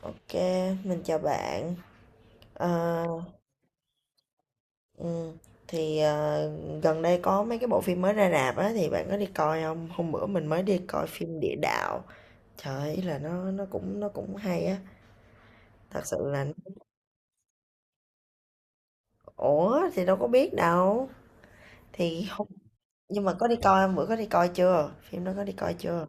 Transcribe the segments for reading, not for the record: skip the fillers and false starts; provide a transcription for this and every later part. Ok, mình chào bạn. Ờ, ừ, thì gần đây có mấy cái bộ phim mới ra rạp á thì bạn có đi coi không? Hôm bữa mình mới đi coi phim Địa Đạo. Trời ơi, ý là nó cũng hay á. Thật sự là. Ủa thì đâu có biết đâu. Thì không. Nhưng mà có đi coi không? Bữa có đi coi chưa? Phim đó có đi coi chưa?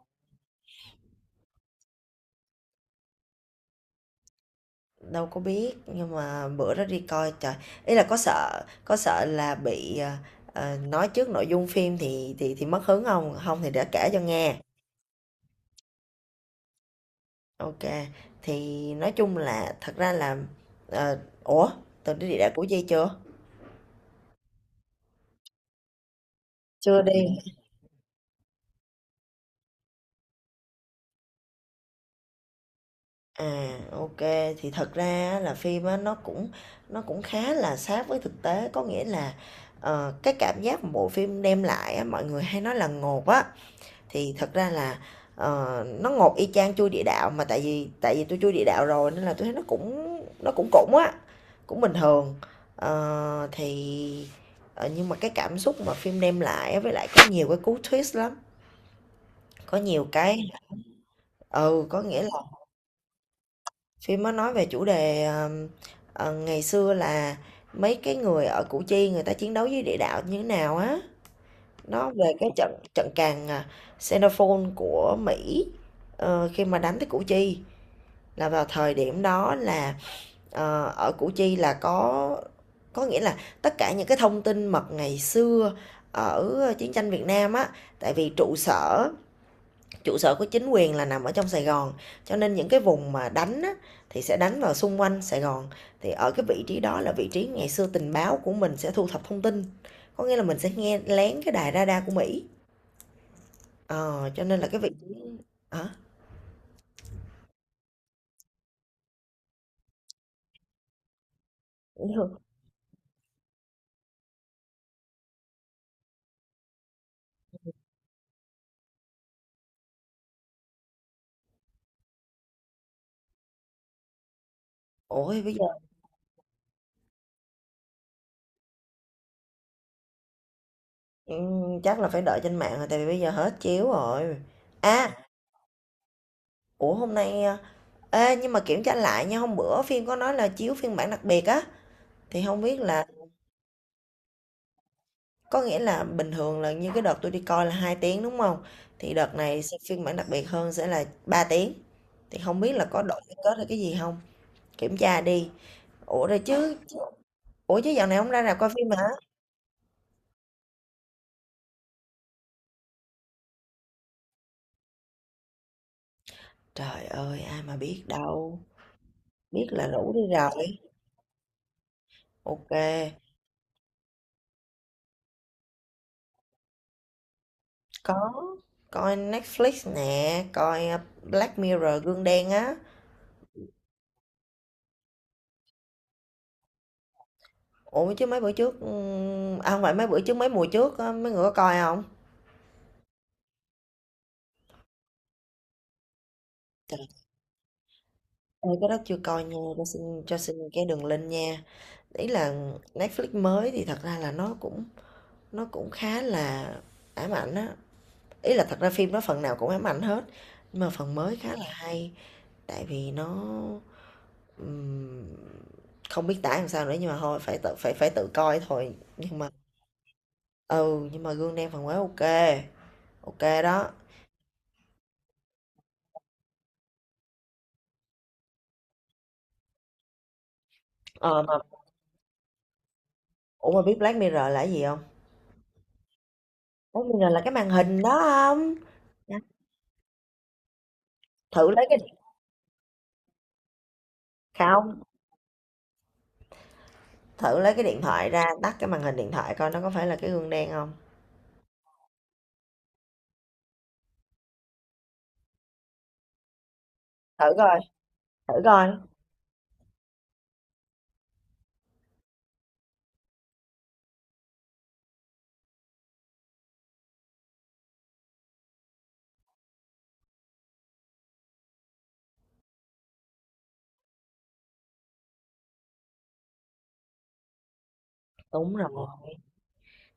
Đâu có biết nhưng mà bữa đó đi coi trời. Ý là có sợ là bị nói trước nội dung phim thì mất hứng không? Không thì để kể cho nghe. OK, thì nói chung là thật ra là ờ, ủa, Tường đi địa đạo Củ Chi chưa? Chưa đi. À, ok, thì thật ra á, là phim á nó cũng khá là sát với thực tế có nghĩa là cái cảm giác mà bộ phim đem lại á, mọi người hay nói là ngột á. Thì thật ra là, nó ngột y chang chui địa đạo, mà tại vì tôi chui địa đạo rồi nên là tôi thấy nó cũng cũng á, cũng bình thường. Thì, nhưng mà cái cảm xúc mà phim đem lại với lại có nhiều cái cú twist lắm, có nhiều cái. Ừ, có nghĩa là phim nó nói về chủ đề, ngày xưa là mấy cái người ở Củ Chi người ta chiến đấu với địa đạo như thế nào á. Nó về cái trận trận càn, Xenophon của Mỹ, khi mà đánh tới Củ Chi. Là vào thời điểm đó là, ở Củ Chi là có nghĩa là tất cả những cái thông tin mật ngày xưa ở chiến tranh Việt Nam á, tại vì trụ sở, trụ sở của chính quyền là nằm ở trong Sài Gòn, cho nên những cái vùng mà đánh á, thì sẽ đánh vào xung quanh Sài Gòn. Thì ở cái vị trí đó là vị trí ngày xưa tình báo của mình sẽ thu thập thông tin, có nghĩa là mình sẽ nghe lén cái đài radar của Mỹ. Ờ, cho nên là cái vị trí, hả? Ủa, bây giờ. Chắc là phải đợi trên mạng rồi tại vì bây giờ hết chiếu rồi. À, ủa hôm nay à, ê nhưng mà kiểm tra lại nha, hôm bữa phim có nói là chiếu phiên bản đặc biệt á thì không biết là, có nghĩa là bình thường là như cái đợt tôi đi coi là 2 tiếng đúng không? Thì đợt này sẽ phiên bản đặc biệt hơn sẽ là 3 tiếng. Thì không biết là có đổi cái kết hay cái gì không? Kiểm tra đi. Ủa rồi chứ, ủa chứ dạo này không ra rạp coi phim hả? Trời ơi, ai mà biết đâu. Biết là rủ đi rồi. Ok. Có, coi Netflix nè, coi Black Mirror gương đen á. Ủa chứ mấy bữa trước, à không phải mấy bữa trước, mấy mùa trước á, mấy người có coi không? Trời ơi, cái đó chưa coi nha, cho xin cái đường link nha. Ý là Netflix mới thì thật ra là nó cũng khá là ám ảnh á. Ý là thật ra phim đó phần nào cũng ám ảnh hết, nhưng mà phần mới khá là hay. Tại vì nó, ừm, không biết tả làm sao nữa nhưng mà thôi phải tự coi thôi nhưng mà. Ừ, nhưng mà gương đen phản quang ok. Ok đó. Ờ mà Ủa mà biết Black Mirror là cái gì không? Black Mirror là cái màn hình đó không? Dạ. Thử lấy cái điện- Không, thử lấy cái điện thoại ra, tắt cái màn hình điện thoại coi nó có phải là cái gương đen không. Thử coi, thử coi. Đúng rồi.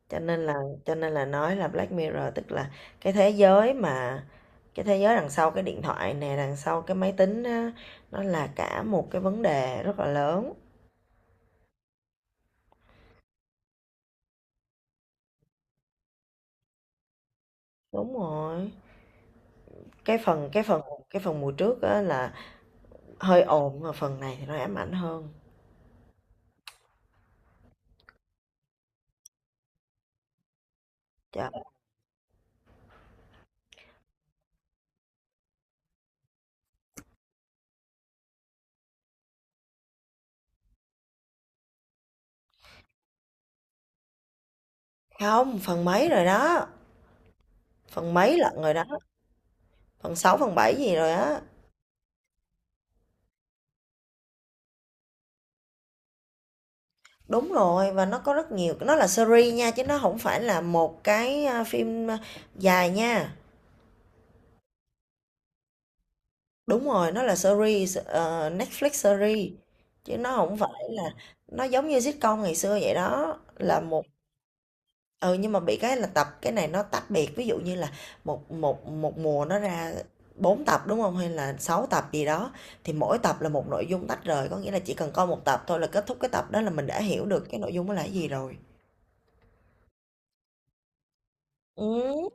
Cho nên là, cho nên là nói là Black Mirror tức là cái thế giới mà cái thế giới đằng sau cái điện thoại nè, đằng sau cái máy tính á, nó là cả một cái vấn đề rất là lớn. Đúng rồi. Cái phần cái phần cái phần mùa trước á là hơi ồn mà phần này thì nó ám ảnh hơn. Chà, không, phần mấy rồi đó, phần mấy lận rồi đó, phần 6 phần 7 gì rồi á. Đúng rồi, và nó có rất nhiều, nó là series nha, chứ nó không phải là một cái, a, phim, a, dài nha. Đúng rồi, nó là series, Netflix series, chứ nó không phải là, nó giống như sitcom ngày xưa vậy đó, là một. Ừ, nhưng mà bị cái là tập cái này nó tách biệt, ví dụ như là một một một mùa nó ra 4 tập, đúng không? Hay là 6 tập gì đó, thì mỗi tập là một nội dung tách rời, có nghĩa là chỉ cần coi một tập thôi là kết thúc cái tập đó là mình đã hiểu được cái nội dung đó là cái gì rồi. Ừm,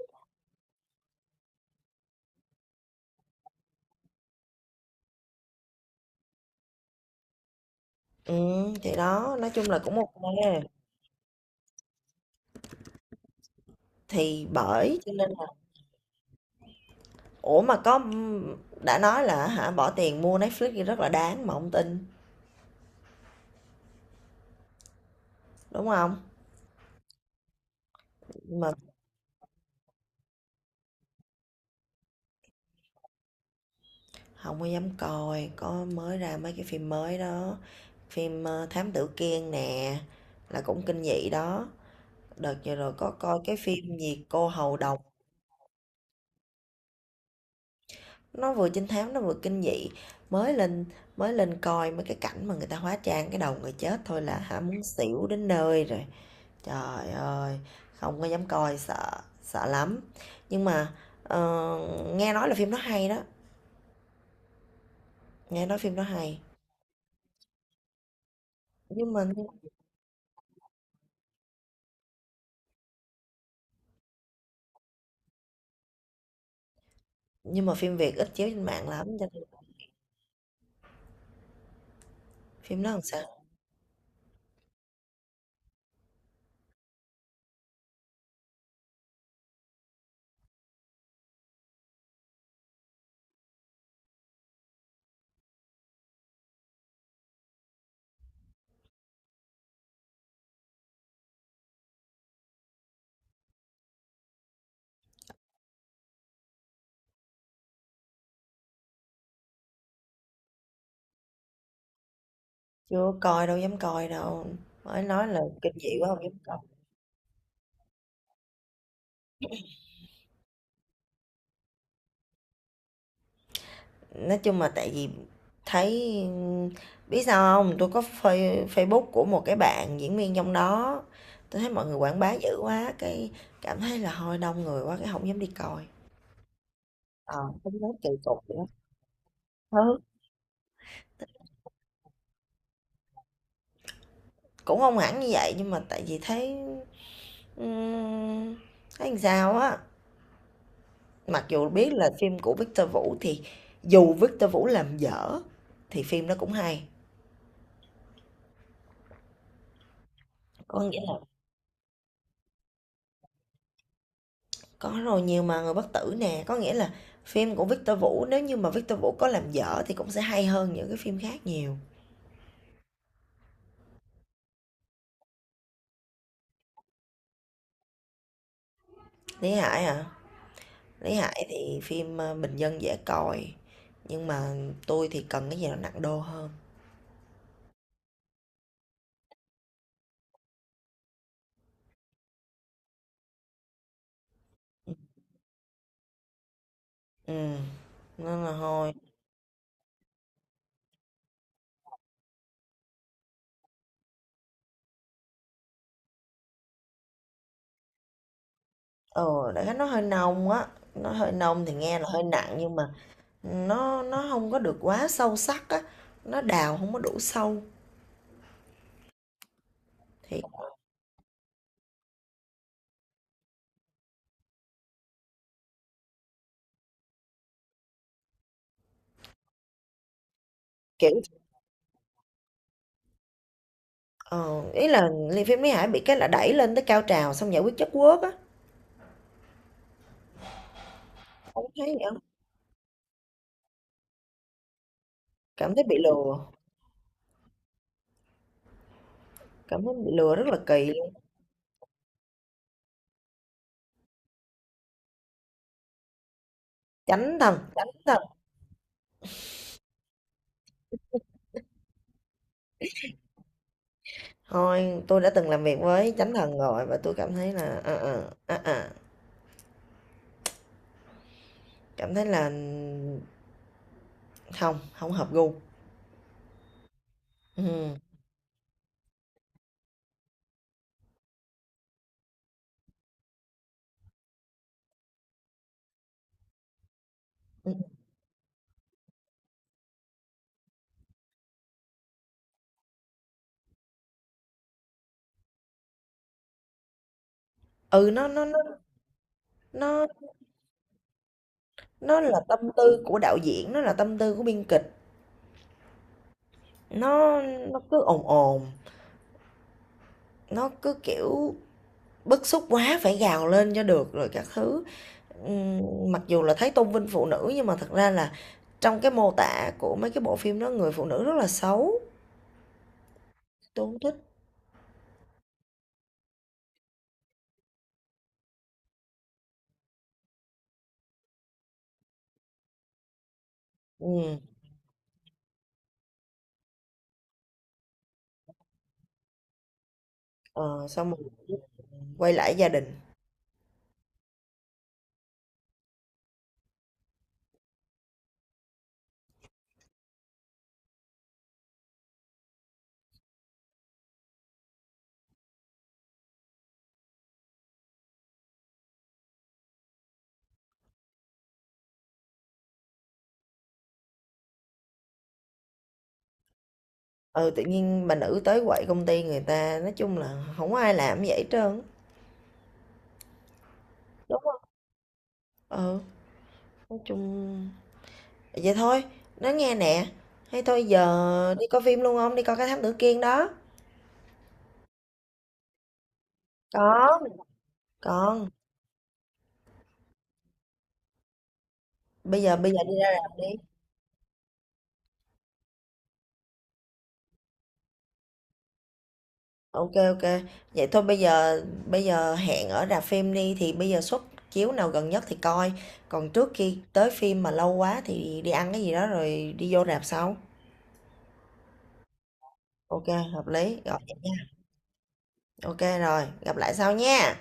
thì đó, nói chung là cũng ô. Thì bởi cho nên là, ủa, mà có, đã nói là hả bỏ tiền mua Netflix thì rất là đáng mà hông tin, đúng không? Nhưng mà hông có dám coi, có mới ra mấy cái phim mới đó. Phim, Thám Tử Kiên nè, là cũng kinh dị đó. Đợt vừa rồi có coi cái phim gì Cô Hầu Độc, nó vừa trinh thám nó vừa kinh dị. Mới lên mới lên coi mấy cái cảnh mà người ta hóa trang cái đầu người chết thôi là hả muốn xỉu đến nơi rồi. Trời ơi, không có dám coi sợ, sợ lắm. Nhưng mà ờ, nghe nói là phim nó hay đó, nghe nói phim nó hay. Nhưng mà nhưng mà phim Việt ít chiếu trên mạng lắm cho nên phim nó làm sao. Chưa coi đâu dám coi đâu. Mới nói là kinh dị quá không dám coi. Nói chung là tại vì thấy, biết sao không? Tôi có Facebook của một cái bạn diễn viên trong đó. Tôi thấy mọi người quảng bá dữ quá, cái cảm thấy là hơi đông người quá cái không dám đi coi. Ờ, không dám kỳ cục nữa. Ừ. Cũng không hẳn như vậy nhưng mà tại vì thấy, ừm, thấy làm sao á. Mặc dù biết là phim của Victor Vũ thì dù Victor Vũ làm dở thì phim nó cũng hay. Có nghĩa. Có rồi, nhiều mà, Người Bất Tử nè, có nghĩa là phim của Victor Vũ nếu như mà Victor Vũ có làm dở thì cũng sẽ hay hơn những cái phim khác nhiều. Lý Hải hả? Lý Hải thì phim bình dân dễ coi, nhưng mà tôi thì cần cái gì nó nặng đô hơn. Ừ, nên là thôi. Ờ, Đại khái nó hơi nông á, nó hơi nông thì nghe là hơi nặng nhưng mà nó không có được quá sâu sắc á, nó đào không có đủ sâu. Thì kiểu, ờ, ý là phim Lý Hải bị cái là đẩy lên tới cao trào xong giải quyết chất quốc á. Không thấy vậy không? Cảm thấy bị lừa. Cảm thấy bị lừa rất là kỳ luôn. Chánh thần, chánh thần. Thôi, tôi đã từng làm việc với chánh thần rồi và tôi cảm thấy là cảm thấy là không, không hợp gu. Ừ. Ừ. Ừ, nó nó là tâm tư của đạo diễn, nó là tâm tư của biên kịch. Nó cứ ồn ồn, nó cứ kiểu. Bức xúc quá phải gào lên cho được rồi các thứ. Mặc dù là thấy tôn vinh phụ nữ nhưng mà thật ra là trong cái mô tả của mấy cái bộ phim đó người phụ nữ rất là xấu, tôi không thích. Ừm, ờ, Xong rồi quay lại gia đình. Ừ, tự nhiên bà nữ tới quậy công ty người ta, nói chung là không có ai làm như vậy hết trơn. Đúng không? Ừ, nói chung vậy thôi, nói nghe nè, hay thôi giờ đi coi phim luôn không? Đi coi cái Thám Tử Kiên đó. Có, còn bây giờ đi ra rạp đi. OK, OK. Vậy thôi bây giờ hẹn ở rạp phim đi thì bây giờ suất chiếu nào gần nhất thì coi. Còn trước khi tới phim mà lâu quá thì đi ăn cái gì đó rồi đi vô rạp sau. OK, hợp lý. Gọi vậy nha. OK rồi, gặp lại sau nha.